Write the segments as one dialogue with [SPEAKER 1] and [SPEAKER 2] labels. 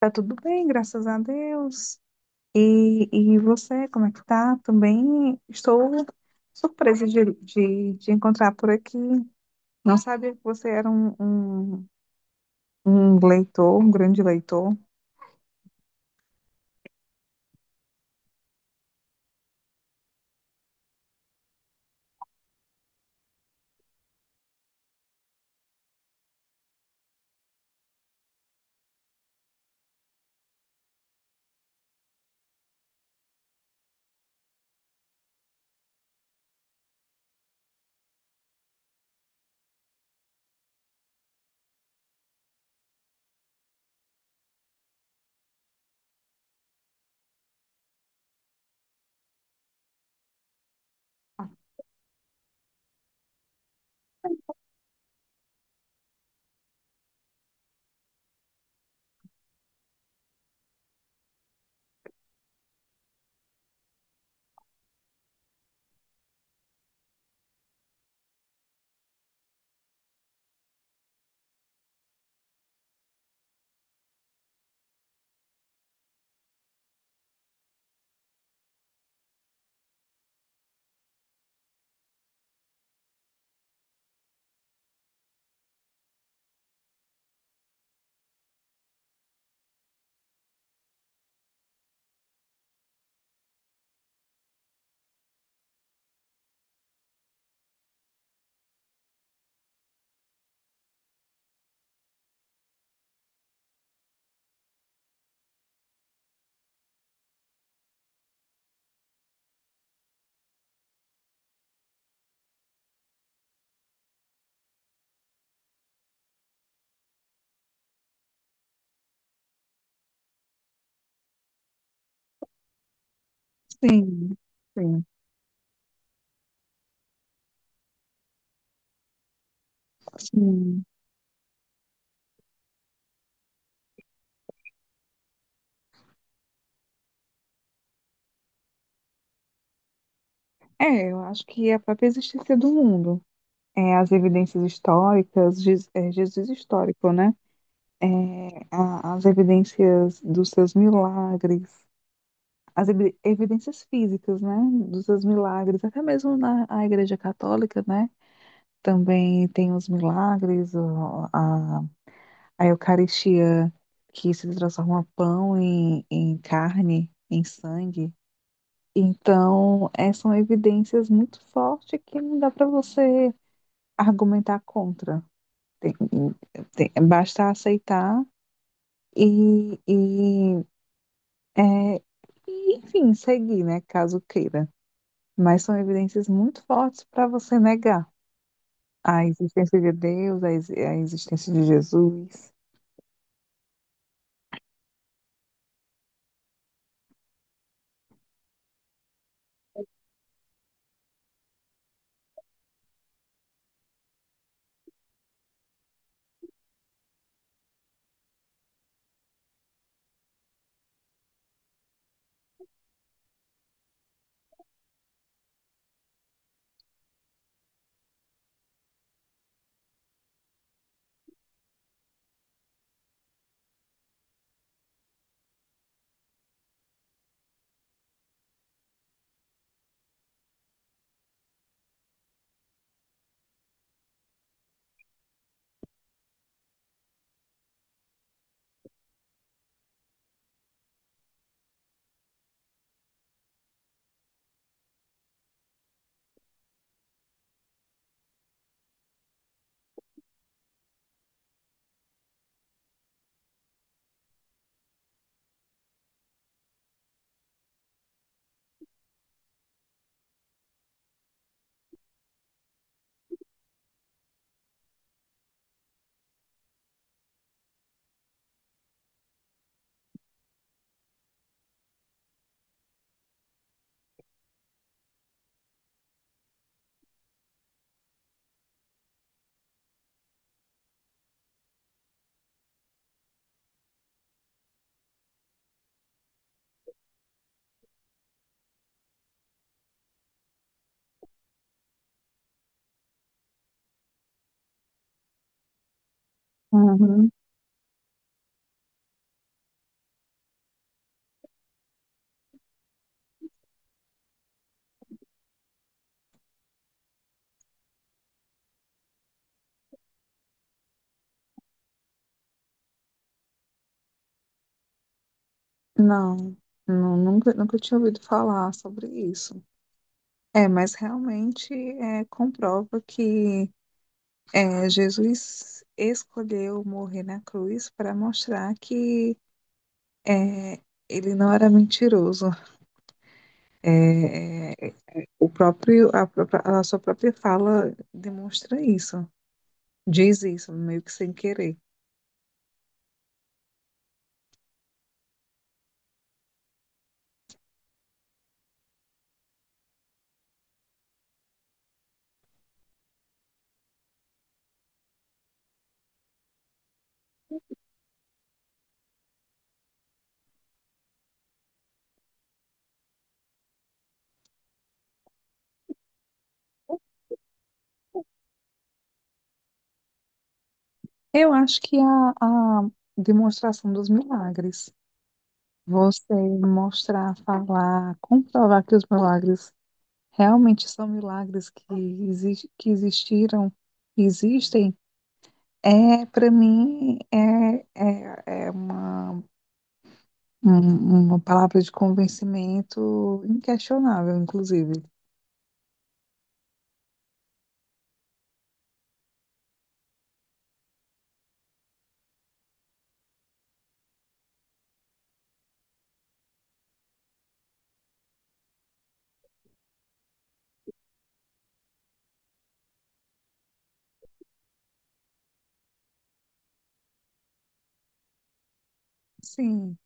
[SPEAKER 1] Tá tudo bem, graças a Deus. E você, como é que tá? Também estou surpresa de encontrar por aqui. Não sabia que você era um leitor, um grande leitor. Sim, sim, sim. Eu acho que é a própria existência do mundo, as evidências históricas, Jesus histórico, né? É, as evidências dos seus milagres, as evidências físicas, né, dos seus milagres, até mesmo na a Igreja Católica, né, também tem os milagres, a Eucaristia que se transforma pão em carne, em sangue. Então, são evidências muito fortes que não dá para você argumentar contra. Tem- Basta aceitar e, e, é, e, enfim, seguir, né, caso queira. Mas são evidências muito fortes para você negar a existência de Deus, a existência de Jesus. Uhum. Não, nunca, nunca tinha ouvido falar sobre isso. Mas realmente comprova que Jesus escolheu morrer na cruz para mostrar que é, ele não era mentiroso. É, é, é, o próprio, a, própria- A sua própria fala demonstra isso, diz isso, meio que sem querer. Eu acho que a demonstração dos milagres, você mostrar, falar, comprovar que os milagres realmente são milagres que existiram, que existem, para mim é uma palavra de convencimento inquestionável, inclusive. Sim,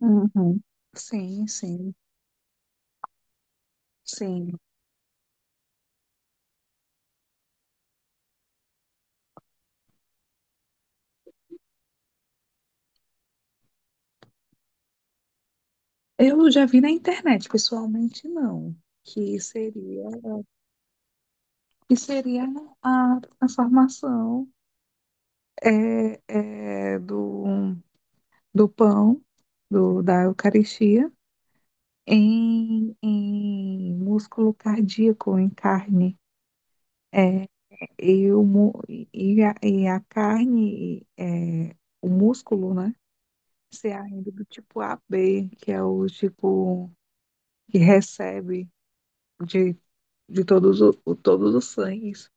[SPEAKER 1] uhum. Sim, sim, sim. Eu já vi na internet, pessoalmente não, que seria que seria a formação do, do pão, do, da Eucaristia, em músculo cardíaco, em carne. É, e, o, mu- e a carne, o músculo, né? Ser ainda do tipo A B que é o tipo que recebe de, de todos, todos os sangues.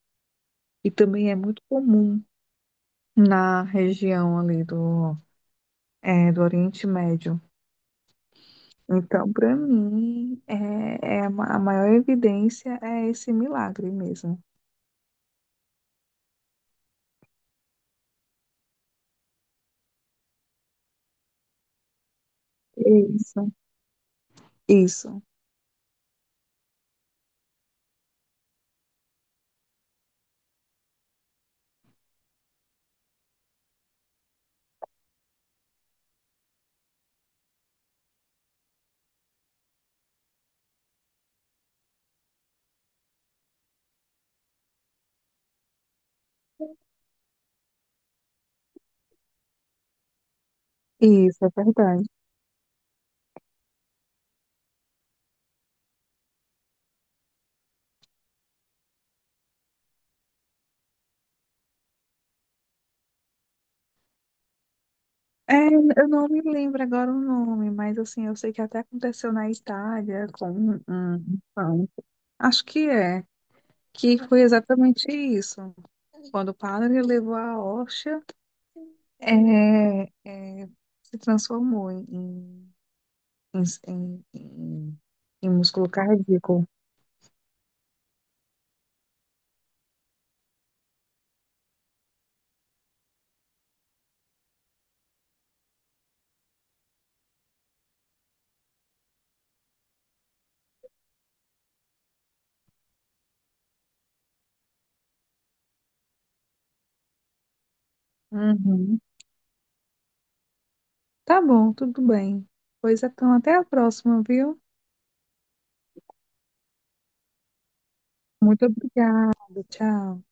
[SPEAKER 1] E também é muito comum na região ali do É, do Oriente Médio. Então, para mim, a maior evidência é esse milagre mesmo. Isso, isso, isso, é verdade. Eu não me lembro agora o nome, mas assim, eu sei que até aconteceu na Itália com um pão. Acho que que foi exatamente isso. Quando o padre levou a hóstia, é, é, se transformou em, em, em em músculo cardíaco. Uhum. Tá bom, tudo bem. Pois então, até a próxima, viu? Muito obrigada. Tchau.